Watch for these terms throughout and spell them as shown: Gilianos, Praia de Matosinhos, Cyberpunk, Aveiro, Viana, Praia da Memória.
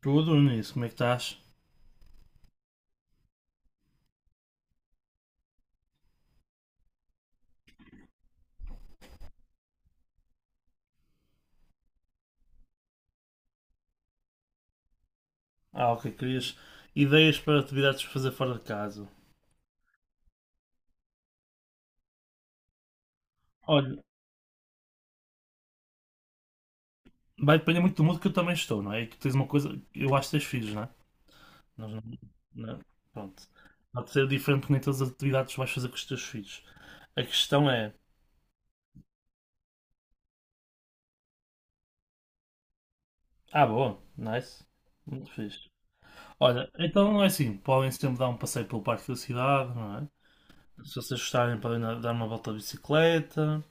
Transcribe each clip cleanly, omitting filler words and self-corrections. Tudo, Nunes, como é que estás? Ok, querias ideias para atividades para fazer fora de casa. Olha, vai depender muito do mundo que eu também estou, não é? E que tens uma coisa, eu acho que tens filhos, não é? Nós não, não- pronto. Pode ser diferente que nem todas as atividades que vais fazer com os teus filhos. A questão é, ah, boa, nice, muito fixe. Olha, então é assim, podem sempre dar um passeio pelo parque da cidade, não é? Se vocês gostarem, podem dar uma volta de bicicleta.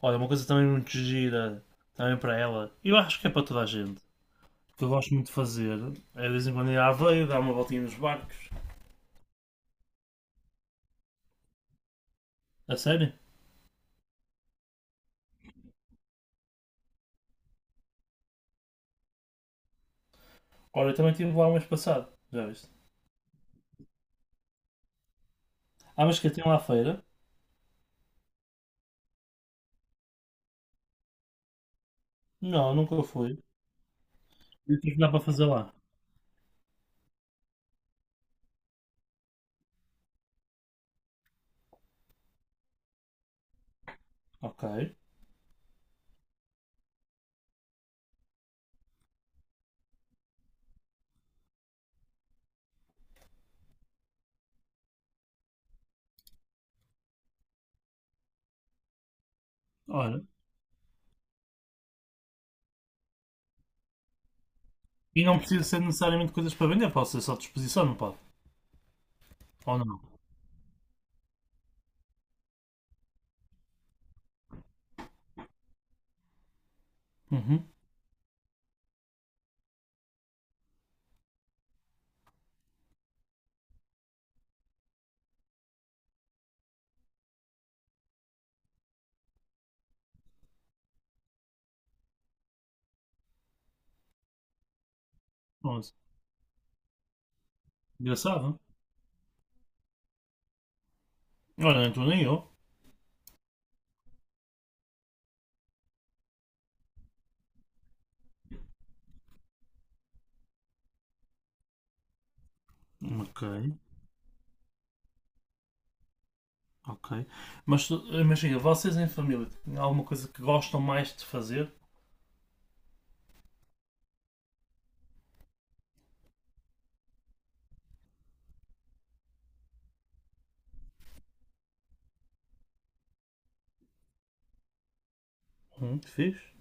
Olha, uma coisa também muito gira, também para ela, eu acho que é para toda a gente. O que eu gosto muito de fazer é de vez em quando ir à Aveiro, dar uma voltinha nos barcos. A sério? Olha, eu também estive lá o mês passado, já viste? Ah, mas que tem lá a feira? Não, nunca fui. E o que é que dá para fazer lá? Ok. Ora. E não precisa ser necessariamente coisas para vender, pode ser só disposição, não pode? Ou não? Uhum. Onze. Engraçado. Olha, nem tu nem eu. Ok, ok. Imagina, vocês em família têm alguma coisa que gostam mais de fazer? Fixe.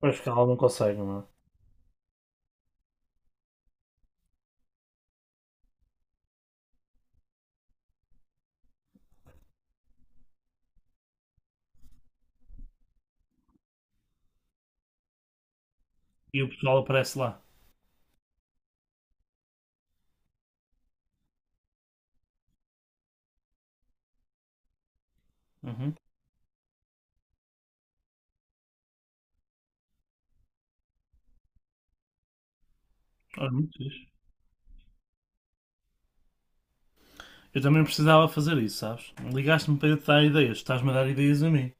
Pois que ela não consegue, não é? E o pessoal aparece lá. Uhum. Olha, muito fixe. Eu também precisava fazer isso, sabes? Ligaste-me para eu te dar ideias, estás-me a dar ideias a mim.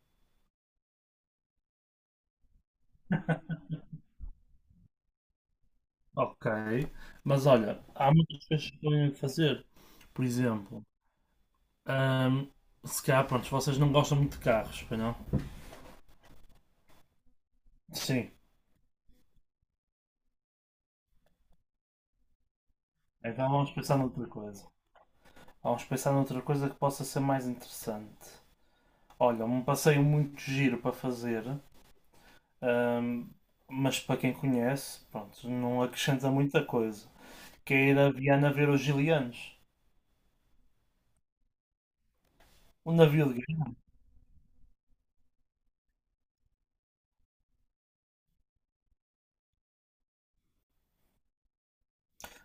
Ok. Mas olha, há muitas coisas que podem fazer. Por exemplo, ahm, se calhar, pronto, vocês não gostam muito de carros, pois não? Sim. Então vamos pensar noutra coisa. Vamos pensar noutra coisa que possa ser mais interessante. Olha, um passeio muito giro para fazer, ahm, mas para quem conhece, pronto, não acrescenta muita coisa. Que é ir a Viana ver os Gilianos. Um navio de.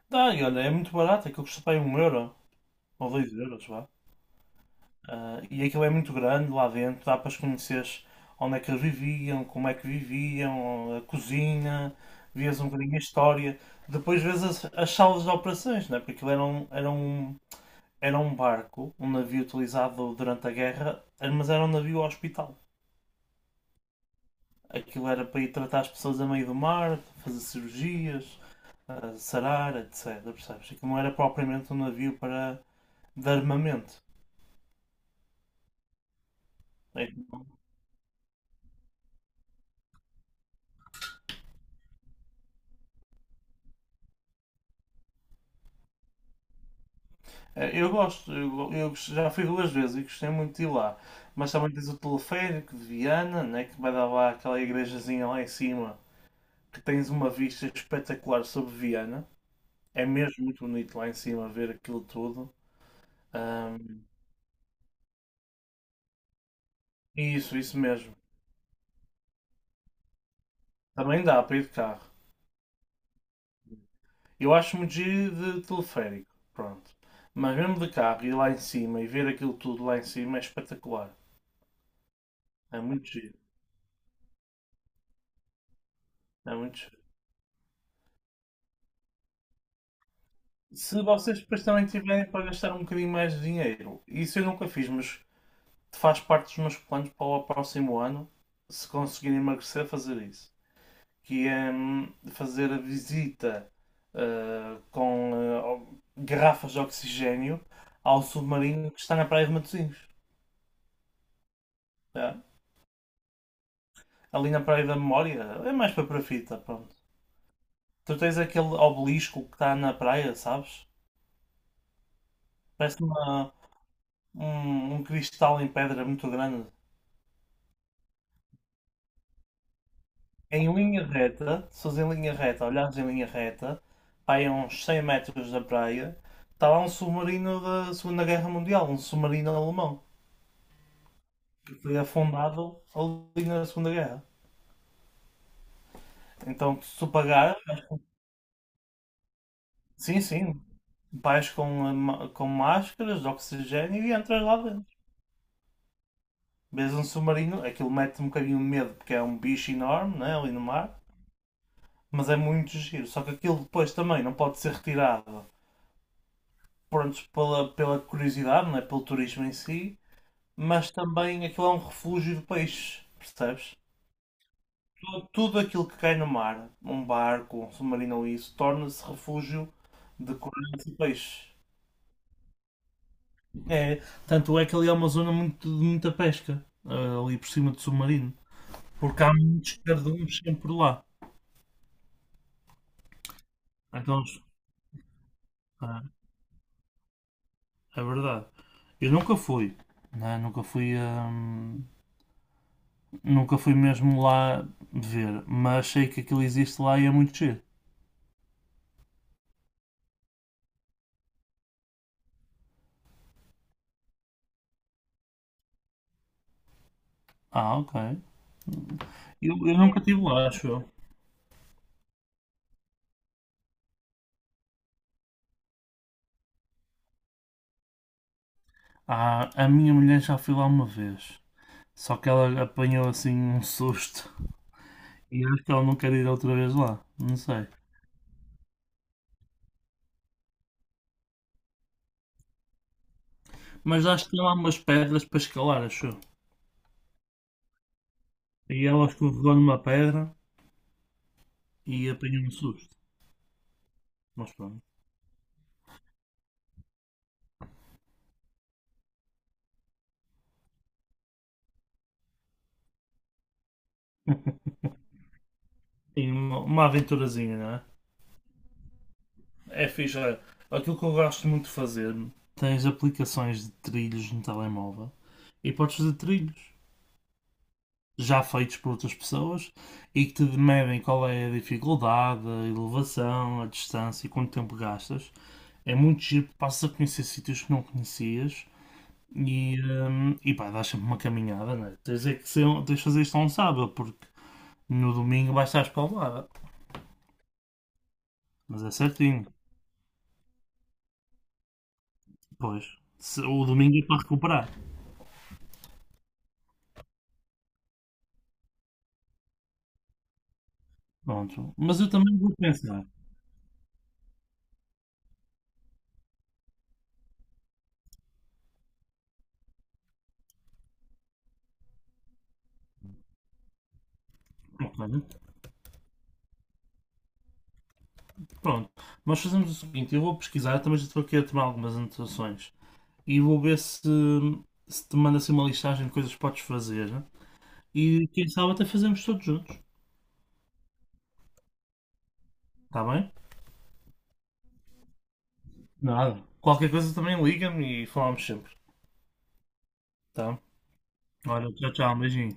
Dá, e olha, é muito barato, aquilo custa para aí um euro ou dois euros, vá. Ah, e aquilo é muito grande lá dentro, dá para os conheceres onde é que eles viviam, como é que viviam, a cozinha, vês um bocadinho a história. Depois vês as, as salas de operações, né? Porque aquilo era um barco, um navio utilizado durante a guerra, mas era um navio hospital. Aquilo era para ir tratar as pessoas a meio do mar, fazer cirurgias, ah, sarar, etc. Percebes? Aquilo não era propriamente um navio para de armamento. É, é. Eu gosto, eu já fui duas vezes e gostei muito de ir lá. Mas também tens o teleférico de Viana, né, que vai dar lá aquela igrejazinha lá em cima, que tens uma vista espetacular sobre Viana. É mesmo muito bonito lá em cima ver aquilo tudo. Ahm, isso, isso mesmo. Também dá para ir de carro. Eu acho muito giro de teleférico, pronto. Mas mesmo de carro, ir lá em cima e ver aquilo tudo lá em cima é espetacular. É muito giro, é muito. Se vocês depois também tiverem para gastar um bocadinho mais de dinheiro, isso eu nunca fiz, mas faz parte dos meus planos para o próximo ano, se conseguirem emagrecer, fazer isso. Que é fazer a visita com garrafas de oxigénio ao submarino que está na Praia de Matosinhos. Tá? Ali na Praia da Memória, é mais para a fita, pronto. Tu tens aquele obelisco que está na praia, sabes? Parece uma, um cristal em pedra muito grande. Em linha reta, se fores em linha reta, olhares em linha reta, pá, aí a uns 100 metros da praia, está lá um submarino da Segunda Guerra Mundial, um submarino alemão, que foi afundado ali na Segunda Guerra. Então, se tu pagar, sim, sim, vais com, com máscaras de oxigênio e entras lá dentro. Vês um submarino, aquilo mete um bocadinho de medo, porque é um bicho enorme, né, ali no mar, mas é muito giro. Só que aquilo depois também não pode ser retirado pronto, pela, pela curiosidade, não é? Pelo turismo em si, mas também aquilo é um refúgio de peixes, percebes? Tudo aquilo que cai no mar, um barco, um submarino ou isso, torna-se refúgio de corais e peixes. É, tanto é que ali é uma zona muito, de muita pesca, ah, ali por cima do submarino, porque há muitos cardumes sempre por lá. Então, ah, é verdade. Eu nunca fui, né? Nunca fui, nunca fui mesmo lá ver, mas sei que aquilo existe lá e é muito giro. Ah, ok. Eu nunca estive lá, acho eu. Ah, a minha mulher já foi lá uma vez. Só que ela apanhou assim um susto. E acho que ela não quer ir outra vez lá. Não sei. Mas acho que tem lá umas pedras para escalar, acho eu. E ela escorregou numa pedra e apanhou um susto. Mas pronto. E uma aventurazinha, não é? É fixe. Olha, aquilo que eu gosto muito de fazer, tens aplicações de trilhos no telemóvel e podes fazer trilhos já feitos por outras pessoas e que te medem qual é a dificuldade, a elevação, a distância e quanto tempo gastas. É muito giro, passas a conhecer sítios que não conhecias e pá, dás sempre uma caminhada, né? Tens é que ser, um, tens de fazer isto a um sábado, porque no domingo vais estar espalmada. Mas é certinho, pois. O domingo é para recuperar. Pronto. Mas eu também vou pensar. Ok. Pronto. Nós fazemos o seguinte, eu vou pesquisar, eu também já estou aqui a tomar algumas anotações. E vou ver se, se te manda assim uma listagem de coisas que podes fazer, né? E quem sabe até fazemos todos juntos. Está bem? Nada. Qualquer coisa também liga-me e falamos sempre. Tá? Olha, tchau, tchau. Beijinho.